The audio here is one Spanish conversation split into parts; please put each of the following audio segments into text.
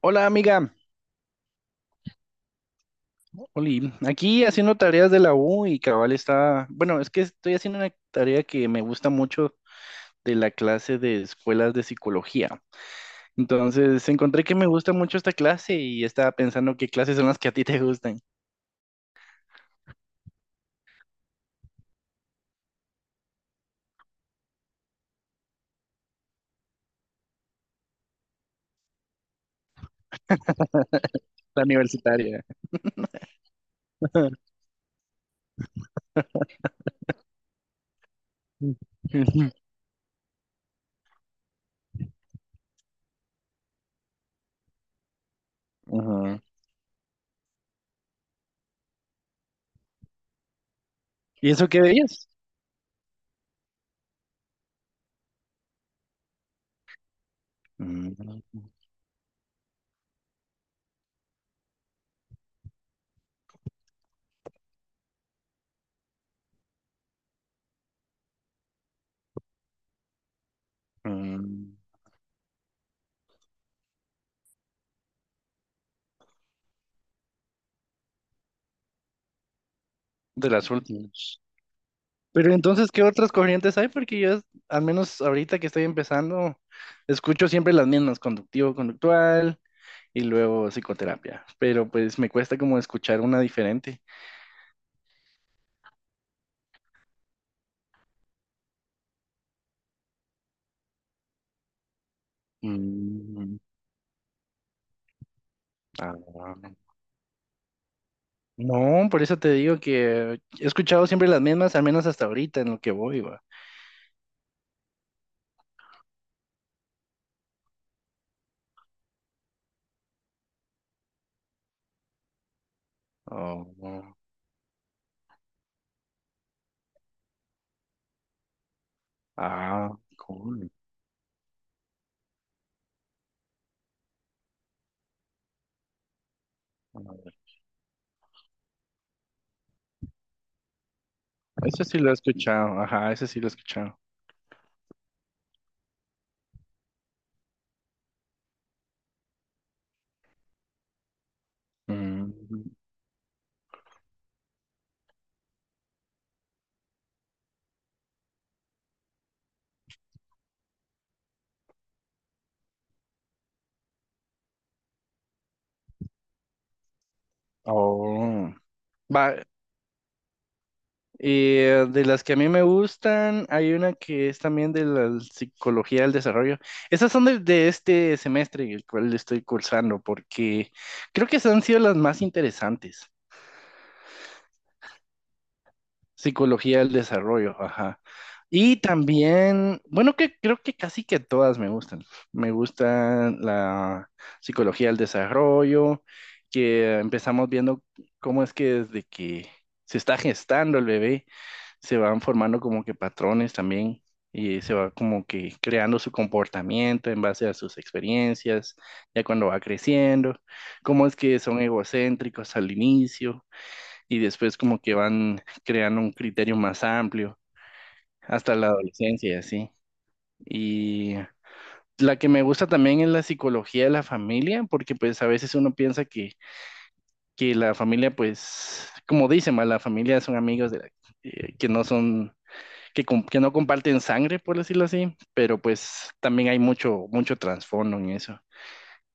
Hola amiga, Oli, aquí haciendo tareas de la U y cabal está, bueno, es que estoy haciendo una tarea que me gusta mucho de la clase de escuelas de psicología. Entonces encontré que me gusta mucho esta clase y estaba pensando qué clases son las que a ti te gustan, la universitaria. Ujú. ¿Y eso qué veías? Mm, mm, De las últimas. Pero entonces, ¿qué otras corrientes hay? Porque yo, al menos ahorita que estoy empezando, escucho siempre las mismas, conductivo, conductual, y luego psicoterapia, pero pues me cuesta como escuchar una diferente. Mm, ah, no, por eso te digo que he escuchado siempre las mismas, al menos hasta ahorita en lo que voy, va. Oh, ah, cool. A ver, eso sí lo he escuchado, ajá, eso sí lo he escuchado. Mm, oh, va, y de las que a mí me gustan, hay una que es también de la psicología del desarrollo. Esas son de este semestre, el cual estoy cursando, porque creo que esas han sido las más interesantes. Psicología del desarrollo, ajá. Y también, bueno, que creo que casi que todas me gustan. Me gustan la psicología del desarrollo, que empezamos viendo cómo es que desde que se está gestando el bebé se van formando como que patrones también y se va como que creando su comportamiento en base a sus experiencias, ya cuando va creciendo, cómo es que son egocéntricos al inicio y después como que van creando un criterio más amplio hasta la adolescencia y así. Y la que me gusta también es la psicología de la familia, porque pues a veces uno piensa que la familia pues, como dicen, ma, la familia son amigos de la- que no son que, com- que no comparten sangre, por decirlo así, pero pues también hay mucho, mucho trasfondo en eso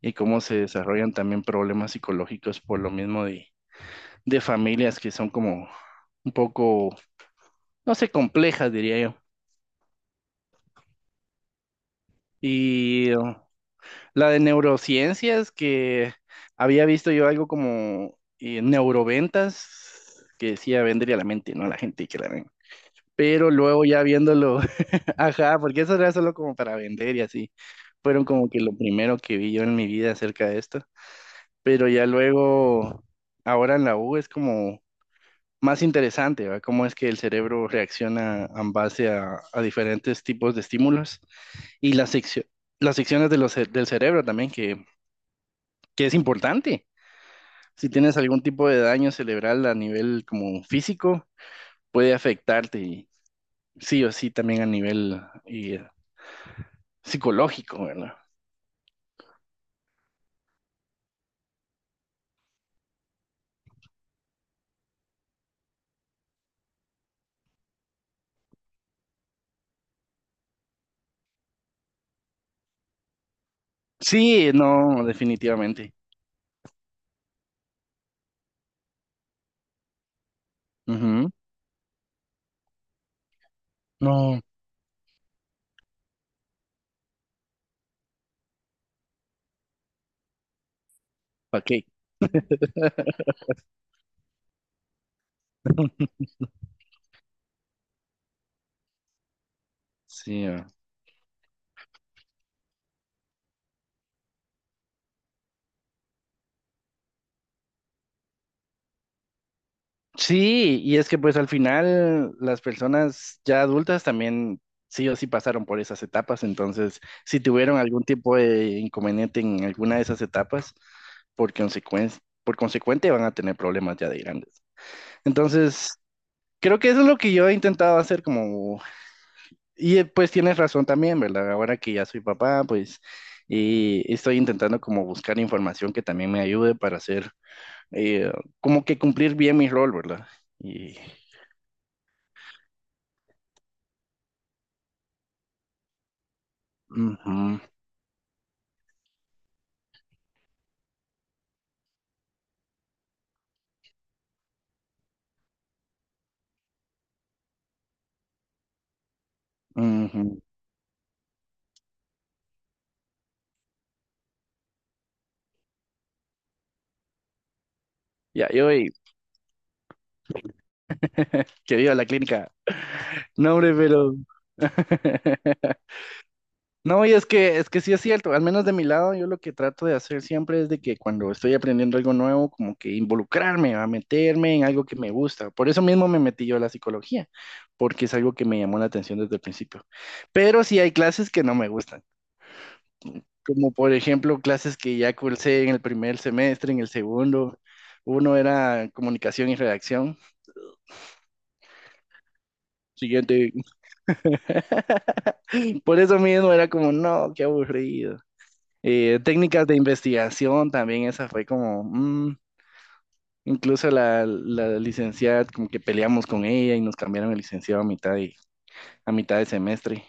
y cómo se desarrollan también problemas psicológicos por lo mismo de familias que son como un poco, no sé, complejas, diría yo. Y la de neurociencias, que había visto yo algo como neuroventas, que decía, vendría a la mente, no a la gente que la ven. Pero luego ya viéndolo. Ajá, porque eso era solo como para vender y así. Fueron como que lo primero que vi yo en mi vida acerca de esto. Pero ya luego, ahora en la U es como más interesante, ¿va? Cómo es que el cerebro reacciona en base a diferentes tipos de estímulos y las secciones de del cerebro también, que es importante. Si tienes algún tipo de daño cerebral a nivel como físico, puede afectarte y sí o sí también a nivel psicológico, ¿verdad? Sí, no, definitivamente. Ujú. No, ¿para qué? Sí, ah. Sí, y es que pues al final las personas ya adultas también sí o sí pasaron por esas etapas, entonces si tuvieron algún tipo de inconveniente en alguna de esas etapas, por consecuencia, por consecuente van a tener problemas ya de grandes. Entonces, creo que eso es lo que yo he intentado hacer como. Y pues tienes razón también, ¿verdad? Ahora que ya soy papá, pues y estoy intentando como buscar información que también me ayude para hacer, eh, como que cumplir bien mi rol, ¿verdad? Y, ujú, ujú. Ya, yo hoy que voy a la clínica. No, hombre, pero... No, es que sí es cierto, al menos de mi lado, yo lo que trato de hacer siempre es de que cuando estoy aprendiendo algo nuevo, como que involucrarme, a meterme en algo que me gusta. Por eso mismo me metí yo a la psicología, porque es algo que me llamó la atención desde el principio. Pero sí hay clases que no me gustan, como por ejemplo clases que ya cursé en el primer semestre, en el segundo. Uno era comunicación y redacción, siguiente. Por eso mismo era como, no, qué aburrido. Técnicas de investigación también, esa fue como, mm, incluso la licenciada, como que peleamos con ella y nos cambiaron el licenciado a mitad a mitad de semestre.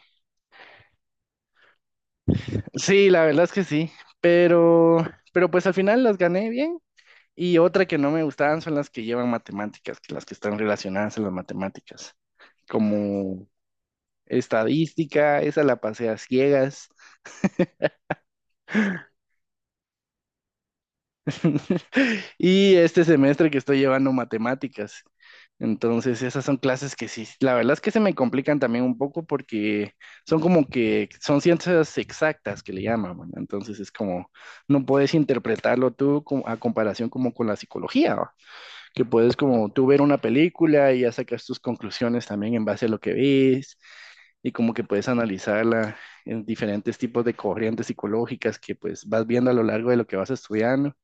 Sí, la verdad es que sí, pero, pero pues al final las gané bien. Y otra que no me gustaban son las que llevan matemáticas, que las que están relacionadas a las matemáticas, como estadística, esa la pasé a ciegas. Y este semestre que estoy llevando matemáticas. Entonces, esas son clases que sí, la verdad es que se me complican también un poco porque son como que son ciencias exactas que le llaman, ¿verdad? Entonces es como, no puedes interpretarlo tú como- a comparación como con la psicología, ¿va? Que puedes como tú ver una película y ya sacas tus conclusiones también en base a lo que ves y como que puedes analizarla en diferentes tipos de corrientes psicológicas que pues vas viendo a lo largo de lo que vas estudiando.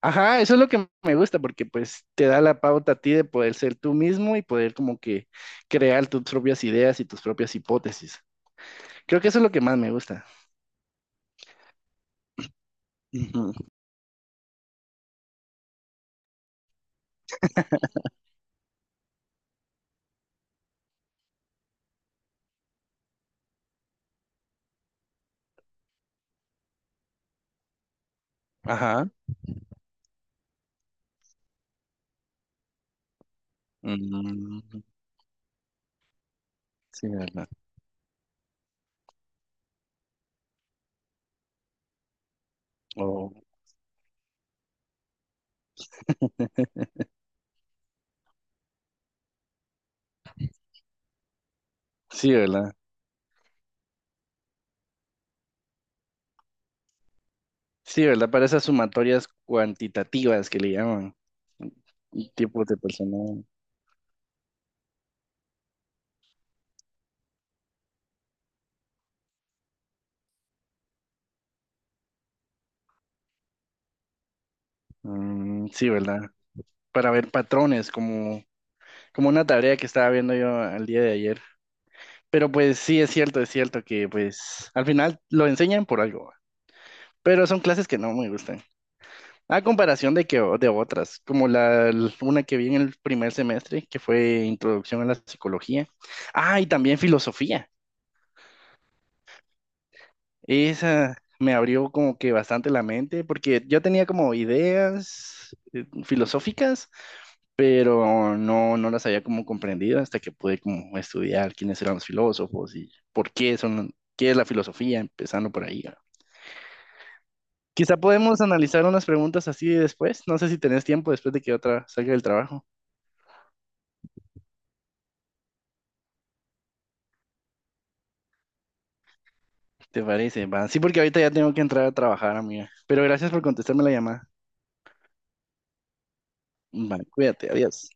Ajá, eso es lo que me gusta porque pues te da la pauta a ti de poder ser tú mismo y poder como que crear tus propias ideas y tus propias hipótesis. Creo que eso es lo que más me gusta. Ujú. Ajá. Mm, sí, ¿verdad? Oh, sí, ¿verdad? Sí, ¿verdad? Para esas sumatorias cuantitativas que le llaman, y tipos de personal. Mm, sí, ¿verdad? Para ver patrones, como, como una tarea que estaba viendo yo el día de ayer. Pero pues sí, es cierto que pues al final lo enseñan por algo, pero son clases que no me gustan. A comparación de que de otras, como la una que vi en el primer semestre, que fue Introducción a la Psicología. Ah, y también filosofía. Esa me abrió como que bastante la mente, porque yo tenía como ideas filosóficas, pero no, no las había como comprendido hasta que pude como estudiar quiénes eran los filósofos y por qué son, qué es la filosofía, empezando por ahí, ¿no? Quizá podemos analizar unas preguntas así después. No sé si tenés tiempo después de que otra salga del trabajo. ¿Te parece? Va. Sí, porque ahorita ya tengo que entrar a trabajar, amiga. Pero gracias por contestarme la llamada. Vale, cuídate, adiós.